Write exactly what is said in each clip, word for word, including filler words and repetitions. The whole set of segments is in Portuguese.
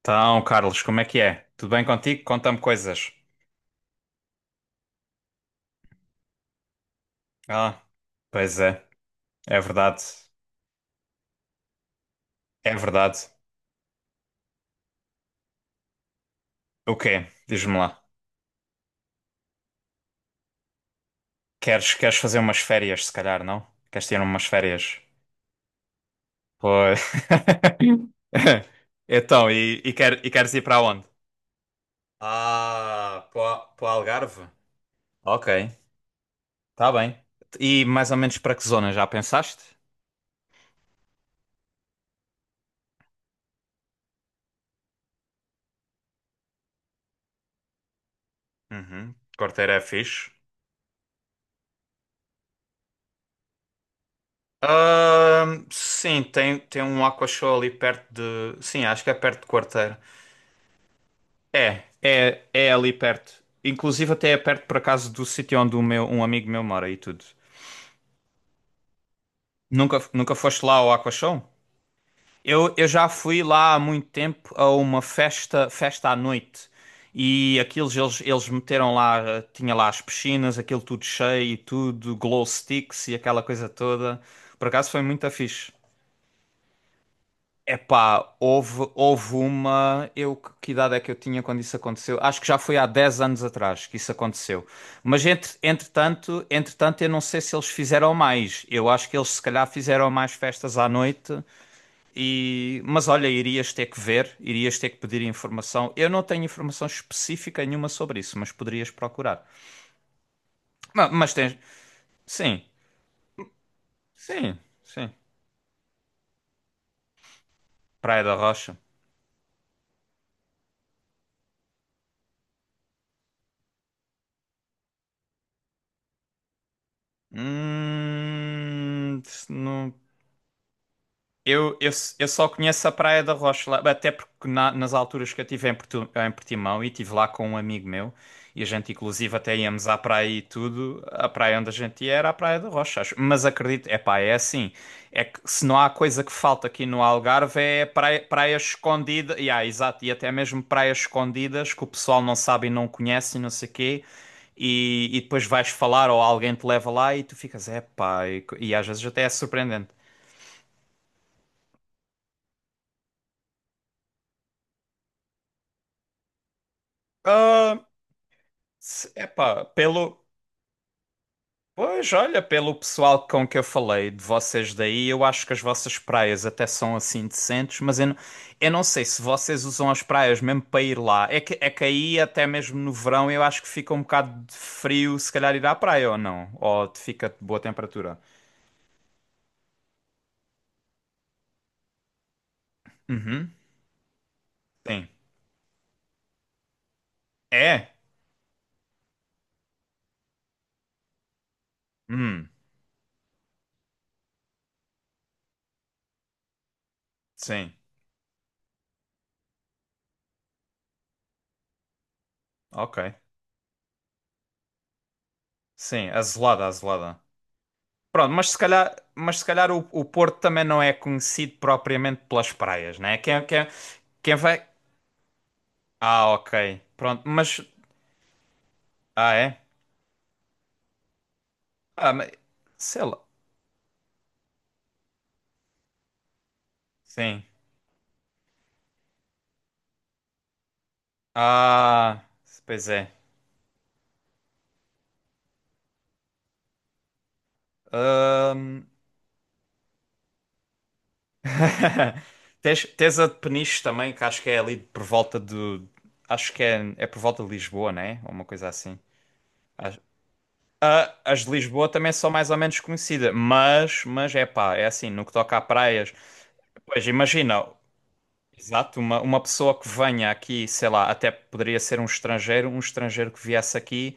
Então, Carlos, como é que é? Tudo bem contigo? Conta-me coisas. Ah, pois é, é verdade, é verdade. O quê? Diz-me lá. Queres, queres fazer umas férias, se calhar, não? Queres tirar umas férias? Pois. Então, e, e, quer- e queres ir para onde? Ah, para o Algarve. Ok, está bem. E mais ou menos para que zona já pensaste? Uhum. Corteira é fixe. Ahn, sim, tem, tem um Aqua Show ali perto de. Sim, acho que é perto de Quarteira. É, é, é ali perto. Inclusive até é perto por acaso do sítio onde o meu, um amigo meu mora e tudo. Nunca, nunca foste lá ao Aqua Show? Eu, eu já fui lá há muito tempo a uma festa, festa à noite. E aquilo eles, eles meteram lá, eh, tinha lá as piscinas, aquilo tudo cheio e tudo, glow sticks e aquela coisa toda. Por acaso foi muito fixe. Epá, houve, houve uma. Eu, que que idade é que eu tinha quando isso aconteceu? Acho que já foi há dez anos atrás que isso aconteceu. Mas entre, entretanto, entretanto, eu não sei se eles fizeram mais. Eu acho que eles se calhar fizeram mais festas à noite. E... Mas olha, irias ter que ver, irias ter que pedir informação. Eu não tenho informação específica nenhuma sobre isso, mas poderias procurar. Ma- Mas, tens. Sim, sim, sim. Praia da Rocha. Hum, não. Eu, eu, eu só conheço a Praia da Rocha, lá, até porque na- nas alturas que eu estive em, Portu- em Portimão e estive lá com um amigo meu, e a gente inclusive até íamos à praia e tudo, a praia onde a gente ia era a Praia da Rocha, acho. Mas acredito, é pá, é assim, é que se não há coisa que falta aqui no Algarve é praia, praia escondida, e há, exato, e até mesmo praias escondidas que o pessoal não sabe e não conhece e não sei quê, e, e depois vais falar ou alguém te leva lá e tu ficas, é pá, e, co- e às vezes até é surpreendente. Ah, Se- Epá, pelo. Pois, olha, pelo pessoal com que eu falei de vocês daí, eu acho que as vossas praias até são assim decentes, mas eu não, eu não sei se vocês usam as praias mesmo para ir lá. É que, é que aí, até mesmo no verão, eu acho que fica um bocado de frio se calhar ir à praia ou não. Ou te fica de boa temperatura. Uhum, sim. É? Hum, sim. Ok. Sim, azelada, azelada. Pronto, mas se calhar, mas se calhar o, o Porto também não é conhecido propriamente pelas praias, né? Quem, quem, quem vai. Ah, ok. Pronto, mas. Ah, é? Ah, mas. Sei lá. Sim. Ah, pois é. Tens, tens a de Peniche também, que acho que é ali por volta do. Acho que é, é por volta de Lisboa, né? Ou uma coisa assim. Acho- Ah, as de Lisboa também são mais ou menos conhecidas, mas, mas é pá, é assim, no que toca a praias. Pois imagina, exato, uma, uma pessoa que venha aqui, sei lá, até poderia ser um estrangeiro, um estrangeiro, que viesse aqui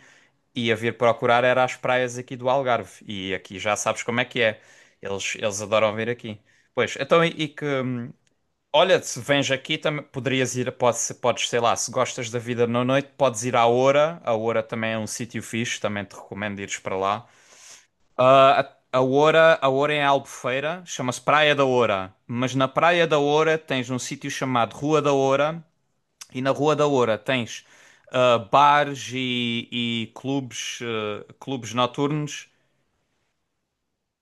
e ia vir procurar era as praias aqui do Algarve. E aqui já sabes como é que é. Eles, eles adoram vir aqui. Pois, então e, e que. Hum, Olha, se vens aqui também poderias ir, podes, podes, sei lá, se gostas da vida na noite, podes ir à Oura. A Oura também é um sítio fixe, também te recomendo ires para lá. Ah, a, a Oura, a Oura é em Albufeira, chama-se Praia da Oura. Mas na Praia da Oura tens um sítio chamado Rua da Oura e na Rua da Oura tens ah, bares e, e clubes, ah, clubes noturnos.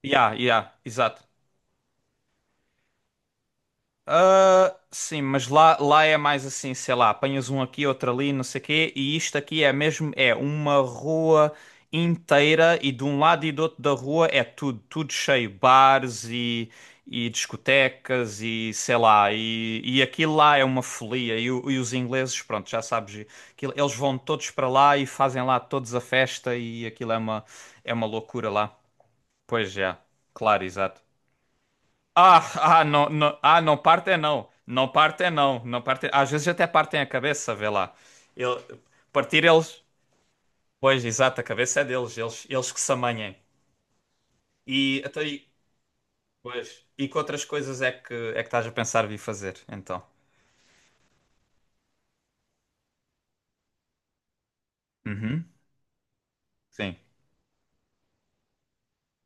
Ya, yeah, ya, yeah, exato. Ah, sim, mas lá, lá é mais assim, sei lá, apanhas um aqui, outro ali, não sei o quê, e isto aqui é mesmo, é uma rua inteira e de um lado e do outro da rua é tudo, tudo, cheio, bares e, e discotecas e sei lá, e, e aquilo lá é uma folia e, o- e os ingleses, pronto, já sabes, aquilo- eles vão todos para lá e fazem lá todos a festa e aquilo é uma, é uma loucura lá. Pois já, claro, exato. Ah, ah, não, não, ah, não partem não. Não partem não. Não partem. Às vezes até partem a cabeça, vê lá. Ele- partir eles. Pois, exato, a cabeça é deles. Eles, eles que se amanhem. E até aí. Pois. E que outras coisas é que, é que estás a pensar vir fazer, então? Uhum. Sim.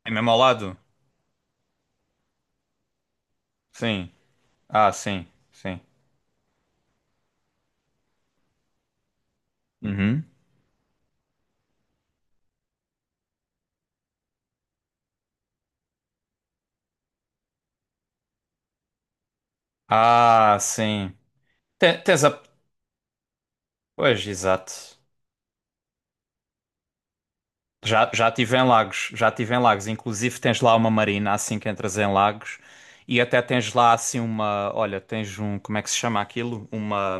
É mesmo ao lado? Sim. Ah, sim. Sim. Uhum. Ah, sim. Te- Tens a. Pois, exato. Já, já estive em Lagos, já estive em Lagos. Inclusive tens lá uma marina assim que entras em Lagos e até tens lá assim uma, olha, tens um, como é que se chama aquilo? Uma,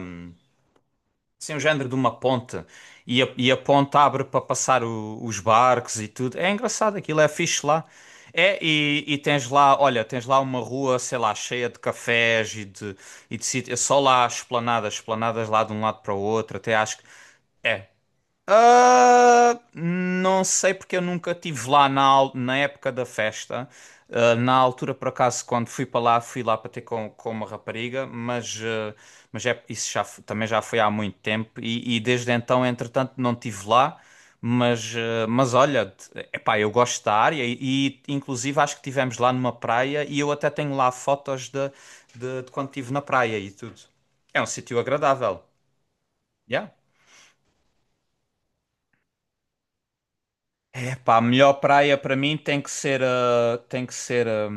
assim um género de uma ponte e a, e a ponte abre para passar o- os barcos e tudo. É engraçado aquilo, é fixe lá. É, e, e tens lá, olha, tens lá uma rua, sei lá, cheia de cafés e de, e de, sítios, é só lá esplanadas, esplanadas lá de um lado para o outro, até acho que. É, ah, não sei porque eu nunca tive lá na, al- na época da festa. Ah, na altura, por acaso, quando fui para lá, fui lá para ter com, com, uma rapariga, mas, ah, mas é, isso já, f- também já foi há muito tempo e, e desde então, entretanto, não tive lá. Mas, ah, mas olha, t- epá, eu gosto da área e, e, inclusive acho que tivemos lá numa praia e eu até tenho lá fotos de, de, de quando estive na praia e tudo. É um sítio agradável. Yeah. É pá, a melhor praia para mim tem que ser a. Tem que ser a.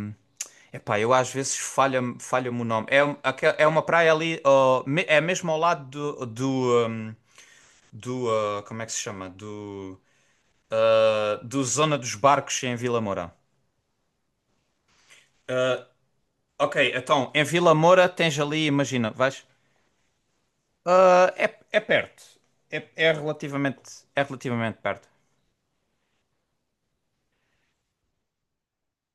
É pá, eu às vezes falha-me falha-me o nome. É, um- aque- é uma praia ali, ó, me- é mesmo ao lado do. do, hum, do, ah, como é que se chama? Do. ah, do Zona dos Barcos em Vila Moura. Ah, ok, então, em Vila Moura tens ali, imagina, vais. Ah, é, é perto. É, é relativamente, é relativamente perto.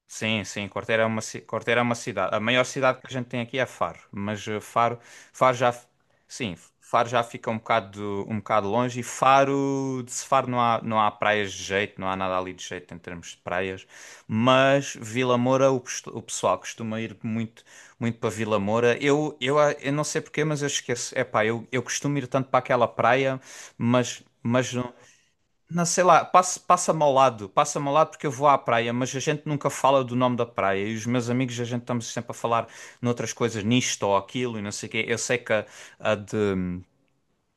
Sim, sim, Corteira é uma, ci- Corteira é uma cidade. A maior cidade que a gente tem aqui é Faro, mas eh, Faro, Faro já, f- sim, Faro já fica um bocado, um bocado longe e Faro, de Faro não há, não há praias de jeito, não há nada ali de jeito em termos de praias, mas Vila Moura, o, pes- o pessoal costuma ir muito, muito para Vila Moura. Eu, eu, a- eu não sei porquê, mas eu esqueço. Epá, eu, eu costumo ir tanto para aquela praia, mas, mas não. Não sei lá, passa, passa-me ao lado, passa-me ao lado porque eu vou à praia, mas a gente nunca fala do nome da praia e os meus amigos a gente estamos sempre a falar noutras coisas, nisto ou aquilo e não sei o quê. Eu sei que a, a de,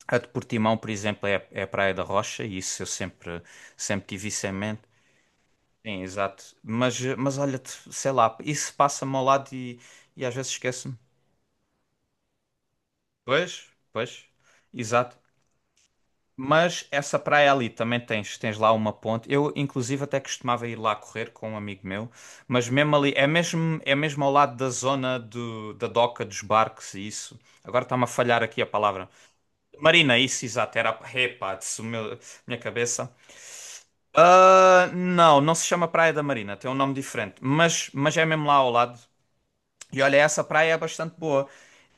a de Portimão, por exemplo, é, é a Praia da Rocha e isso eu sempre, sempre tive isso em mente. Sim, exato. Mas, mas olha, sei lá, isso passa-me ao lado e, e às vezes esqueço-me. Pois, pois, exato. Mas essa praia ali também tens, tens lá uma ponte. Eu, inclusive, até costumava ir lá correr com um amigo meu, mas mesmo ali, é mesmo, é mesmo ao lado da zona do, da doca dos barcos e isso. Agora está-me a falhar aqui a palavra. Marina, isso, exato, era. Epá, isso, meu, minha cabeça. Ah, não, não se chama Praia da Marina, tem um nome diferente, mas, mas é mesmo lá ao lado. E olha, essa praia é bastante boa.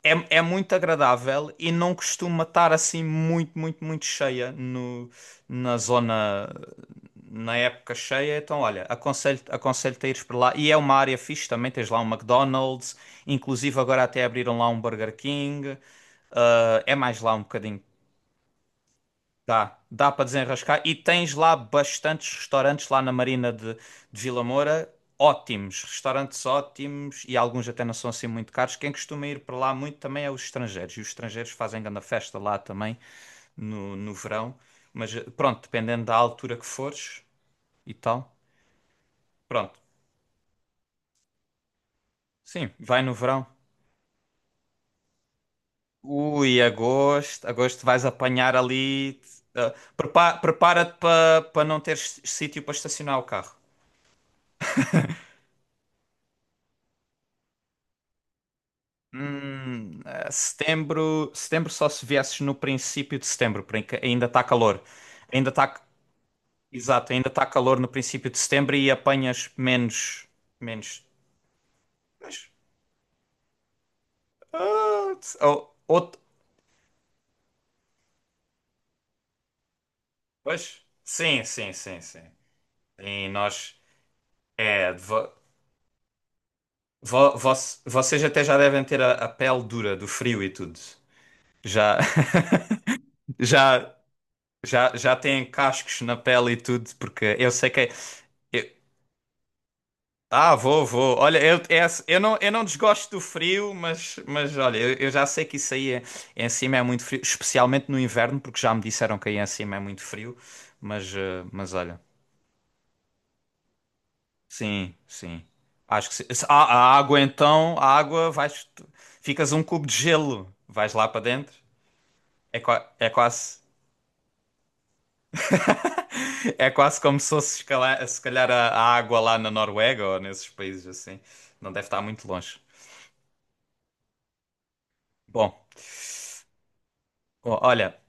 É, é muito agradável e não costuma estar assim muito, muito, muito cheia no, na zona, na época cheia. Então, olha, aconselho, aconselho-te a ires para lá. E é uma área fixe também, tens lá um McDonald's, inclusive agora até abriram lá um Burger King. Ah, é mais lá um bocadinho. Dá, dá para desenrascar. E tens lá bastantes restaurantes lá na Marina de, de Vila Moura. Ótimos, restaurantes ótimos e alguns até não são assim muito caros. Quem costuma ir para lá muito também é os estrangeiros. E os estrangeiros fazem grande festa lá também no, no verão. Mas eh, pronto, dependendo da altura que fores e tal. Pronto, sim, vai no verão. Ui, agosto, agosto vais apanhar ali. eh, prepa- Prepara-te para para não teres sítio para estacionar o carro. Hum, eh, setembro, setembro só se viesses no princípio de setembro, porque ainda está calor. Ainda está, exato, ainda está calor no princípio de setembro e apanhas menos, menos. Mas, ah, se- ou, outro, Pois, sim, sim, sim, sim. E nós, é, vo, vo- voc- Vocês até já devem ter a, a pele dura do frio e tudo. Já, já, já, já têm cascos na pele e tudo, porque eu sei que é. Eu, Ah, vou, vou. Olha, eu, é- assim, eu não, eu não desgosto do frio, mas, mas olha, eu, eu já sei que isso aí é, em cima é muito frio, especialmente no inverno, porque já me disseram que aí em cima é muito frio. Mas, eh, mas olha, sim, sim. Acho que sim. Se- A, a água então, a água vais, tu- ficas um cubo de gelo, vais lá para dentro. É, qua- é quase, é quase como se fosse escalar- se calhar a, a água lá na Noruega ou nesses países assim. Não deve estar muito longe. Bom, o- olha.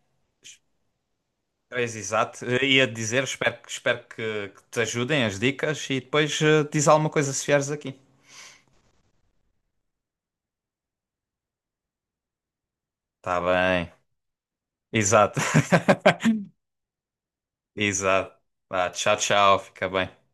Pois, exato. Eu ia dizer, espero, que- espero que, que te ajudem as dicas e depois eh, diz alguma coisa se vieres aqui. Tá bem. Exato. Exato. Vá, tchau, tchau. Fica bem.